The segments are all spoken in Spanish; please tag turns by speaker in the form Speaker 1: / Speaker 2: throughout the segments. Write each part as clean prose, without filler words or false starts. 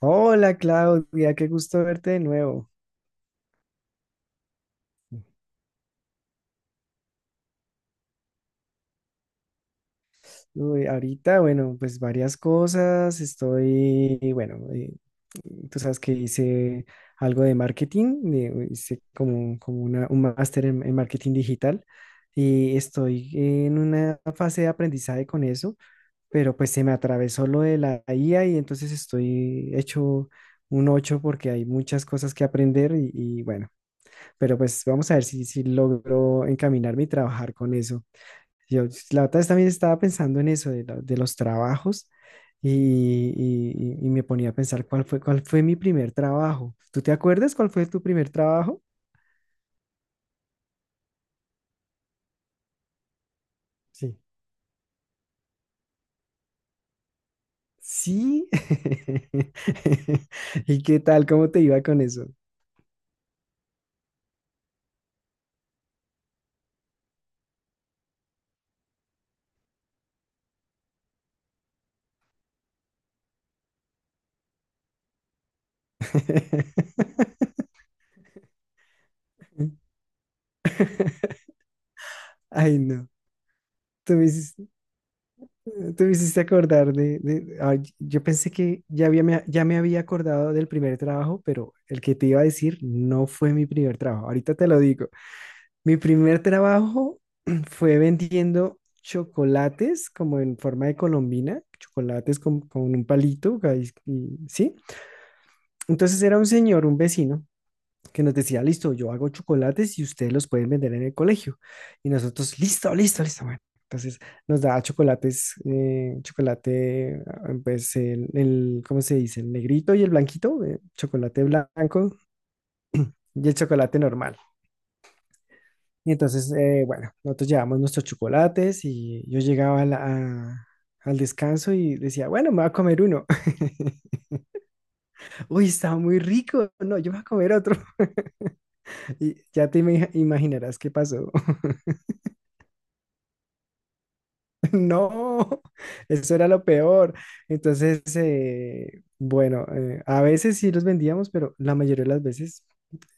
Speaker 1: Hola Claudia, qué gusto verte de nuevo. Uy, ahorita, bueno, pues varias cosas. Estoy, bueno, tú sabes que hice algo de marketing, hice como un máster en marketing digital y estoy en una fase de aprendizaje con eso, pero pues se me atravesó lo de la IA y entonces estoy hecho un 8 porque hay muchas cosas que aprender y bueno, pero pues vamos a ver si logro encaminarme y trabajar con eso. Yo, la otra vez también estaba pensando en eso, de los trabajos, y me ponía a pensar cuál fue mi primer trabajo. ¿Tú te acuerdas cuál fue tu primer trabajo? Sí. Sí. ¿Y qué tal? ¿Cómo te iba con eso? Ay, no. Tú me hiciste, tú me hiciste acordar ay, yo pensé que ya había, ya me había acordado del primer trabajo, pero el que te iba a decir no fue mi primer trabajo. Ahorita te lo digo. Mi primer trabajo fue vendiendo chocolates como en forma de colombina, chocolates con un palito, ahí- y- ¿sí? Entonces era un señor, un vecino, que nos decía, listo, yo hago chocolates y ustedes los pueden vender en el colegio. Y nosotros, listo, listo, listo, bueno. Entonces nos daba chocolates, chocolate, ah, pues ¿cómo se dice? El negrito y el blanquito, chocolate blanco y el chocolate normal. Y entonces, bueno, nosotros llevamos nuestros chocolates y yo llegaba a al descanso y decía, bueno, me voy a comer uno. Uy, está muy rico. No, yo me voy a comer otro. Y ya te imaginarás qué pasó. No, eso era lo peor. Entonces, bueno, a veces sí los vendíamos, pero la mayoría de las veces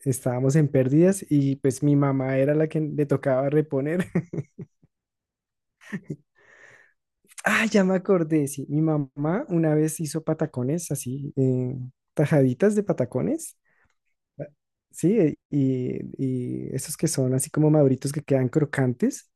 Speaker 1: estábamos en pérdidas y pues mi mamá era la que le tocaba reponer. Ah, ya me acordé, sí. Mi mamá una vez hizo patacones así, tajaditas de patacones. Ah, Sí, y esos que son así como maduritos que quedan crocantes.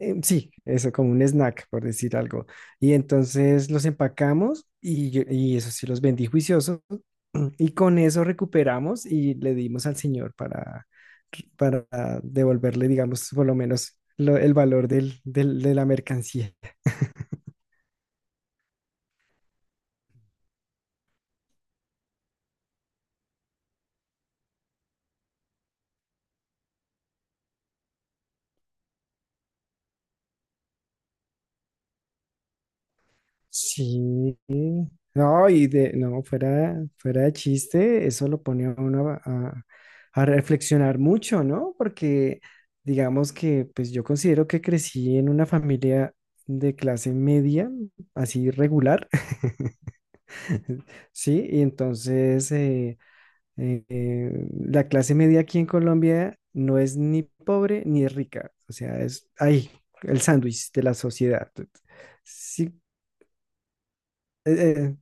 Speaker 1: Sí, eso como un snack, por decir algo. Y entonces los empacamos y eso sí los vendí juicioso. Y con eso recuperamos y le dimos al señor para devolverle, digamos, por lo menos el valor de la mercancía. Sí, no, fuera de chiste, eso lo pone a uno a reflexionar mucho, ¿no? Porque digamos que, pues yo considero que crecí en una familia de clase media, así regular, ¿sí? Y entonces la clase media aquí en Colombia no es ni pobre ni rica, o sea, es ahí, el sándwich de la sociedad. Sí, eh, eh,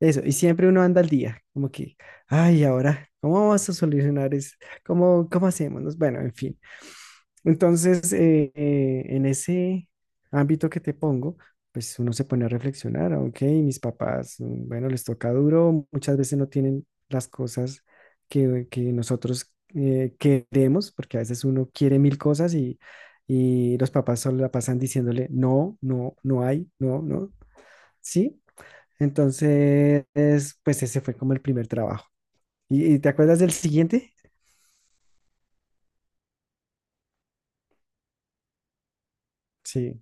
Speaker 1: eso, y siempre uno anda al día, como que, ay, ahora, ¿cómo vamos a solucionar eso? Cómo hacemos? Nos- Bueno, en fin. Entonces, en ese ámbito que te pongo, pues uno se pone a reflexionar, ok, mis papás, mm, bueno, les toca duro, muchas veces no tienen las cosas que nosotros queremos, porque a veces uno quiere mil cosas y los papás solo la pasan diciéndole, no, no, no hay, no, no, ¿sí? Entonces, pues ese fue como el primer trabajo. Y te acuerdas del siguiente? Sí,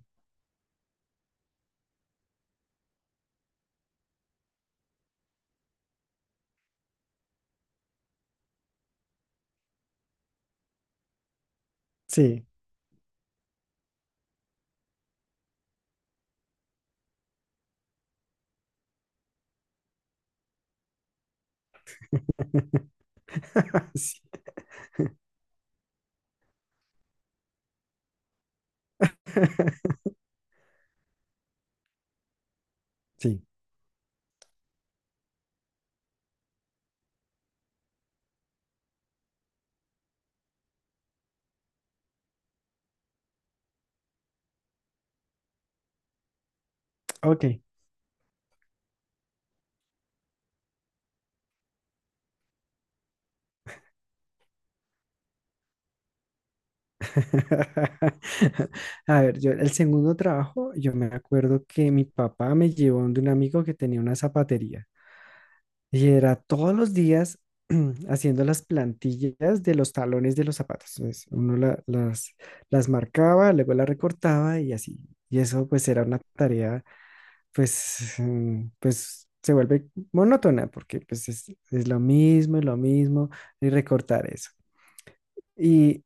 Speaker 1: sí, sí, sí, ok. A ver, yo el segundo trabajo, yo me acuerdo que mi papá me llevó de un amigo que tenía una zapatería y era todos los días haciendo las plantillas de los talones de los zapatos. Entonces, uno las marcaba, luego las recortaba y así. Y eso pues era una tarea pues, mm, pues se vuelve monótona porque pues es lo mismo y recortar eso. Y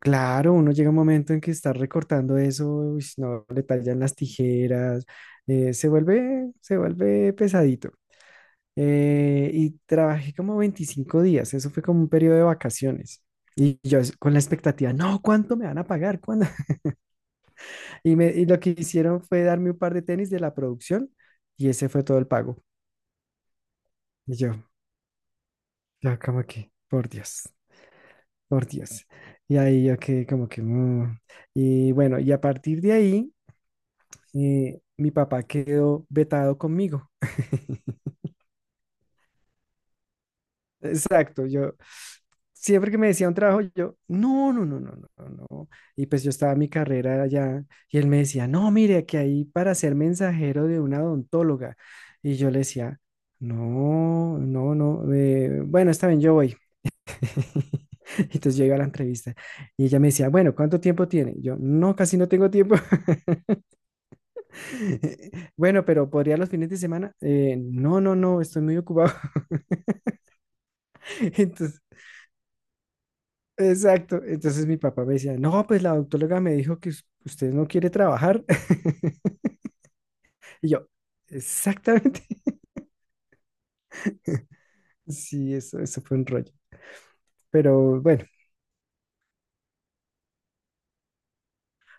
Speaker 1: claro, uno llega a un momento en que está recortando eso, uy, no, le tallan las tijeras, se vuelve pesadito. Y trabajé como 25 días, eso fue como un periodo de vacaciones. Y yo con la expectativa, no, ¿cuánto me van a pagar? ¿Cuándo? Y lo que hicieron fue darme un par de tenis de la producción y ese fue todo el pago. Y yo, ya como que, por Dios, por Dios. Y ahí yo que como que... mm. Y bueno, y a partir de ahí, mi papá quedó vetado conmigo. Exacto, yo siempre que me decía un trabajo, yo, no, no, no, no, no, no. Y pues yo estaba en mi carrera allá y él me decía, no, mire, que ahí para ser mensajero de una odontóloga. Y yo le decía, no, no, no, bueno, está bien, yo voy. Entonces yo iba a la entrevista y ella me decía, bueno, ¿cuánto tiempo tiene? Yo, no, casi no tengo tiempo. Bueno, pero ¿podría los fines de semana? No, no, no, estoy muy ocupado. Entonces, exacto. Entonces mi papá me decía, no, pues la doctóloga me dijo que usted no quiere trabajar. Y yo, exactamente. Sí, eso fue un rollo. Pero bueno,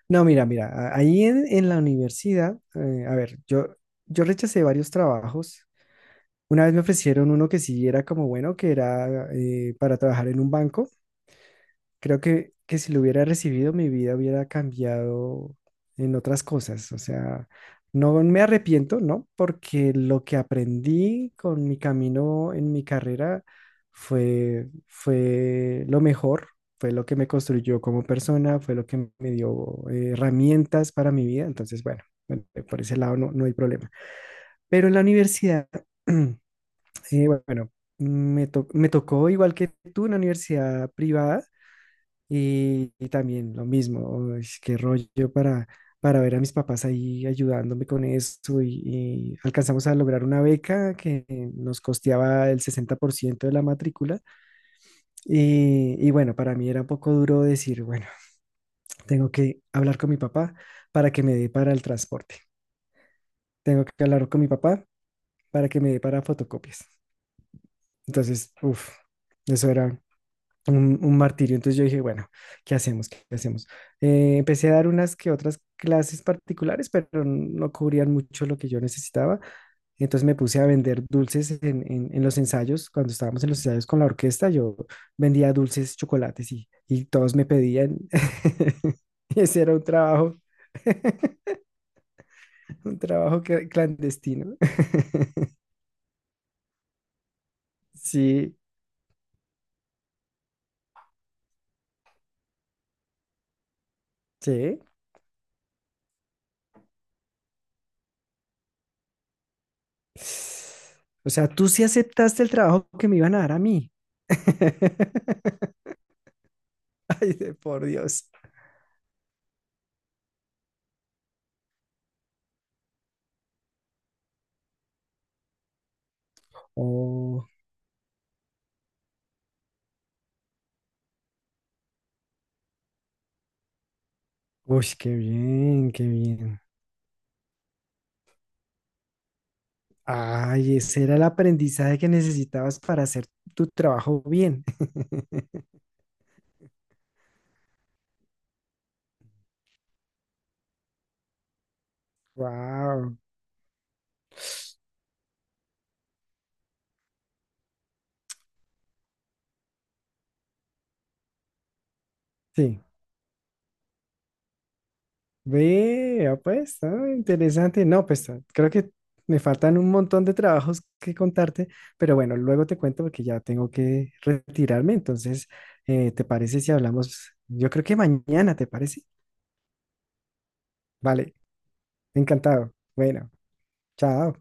Speaker 1: no, mira, mira, ahí en la universidad, a ver, yo rechacé varios trabajos. Una vez me ofrecieron uno que sí era como bueno, que era para trabajar en un banco. Creo que si lo hubiera recibido, mi vida hubiera cambiado en otras cosas. O sea, no me arrepiento, ¿no? Porque lo que aprendí con mi camino en mi carrera fue, fue lo mejor, fue lo que me construyó como persona, fue lo que me dio herramientas para mi vida. Entonces, bueno, bueno, por ese lado no, no hay problema. Pero en la universidad... bueno, me tocó igual que tú una universidad privada y también lo mismo, uy, qué rollo para ver a mis papás ahí ayudándome con eso y alcanzamos a lograr una beca que nos costeaba el 60% de la matrícula y bueno, para mí era un poco duro decir, bueno, tengo que hablar con mi papá para que me dé para el transporte, tengo que hablar con mi papá para que me dé para fotocopias. Entonces, uff, eso era un martirio. Entonces yo dije, bueno, ¿qué hacemos? ¿Qué hacemos? Empecé a dar unas que otras clases particulares, pero no cubrían mucho lo que yo necesitaba. Entonces me puse a vender dulces en los ensayos. Cuando estábamos en los ensayos con la orquesta, yo vendía dulces, chocolates y todos me pedían. Y ese era un trabajo, un trabajo que- clandestino. Sí, sí. O sea, tú sí aceptaste el trabajo que me iban a dar a mí. Ay, de por Dios. Oh, uy, qué bien, qué bien. Ay, ese era el aprendizaje que necesitabas para hacer tu trabajo bien. Wow, sí. Vea, pues, ah, interesante. No, pues ah, creo que me faltan un montón de trabajos que contarte, pero bueno, luego te cuento porque ya tengo que retirarme. Entonces, ¿te parece si hablamos? Yo creo que mañana, ¿te parece? Vale, encantado. Bueno, chao.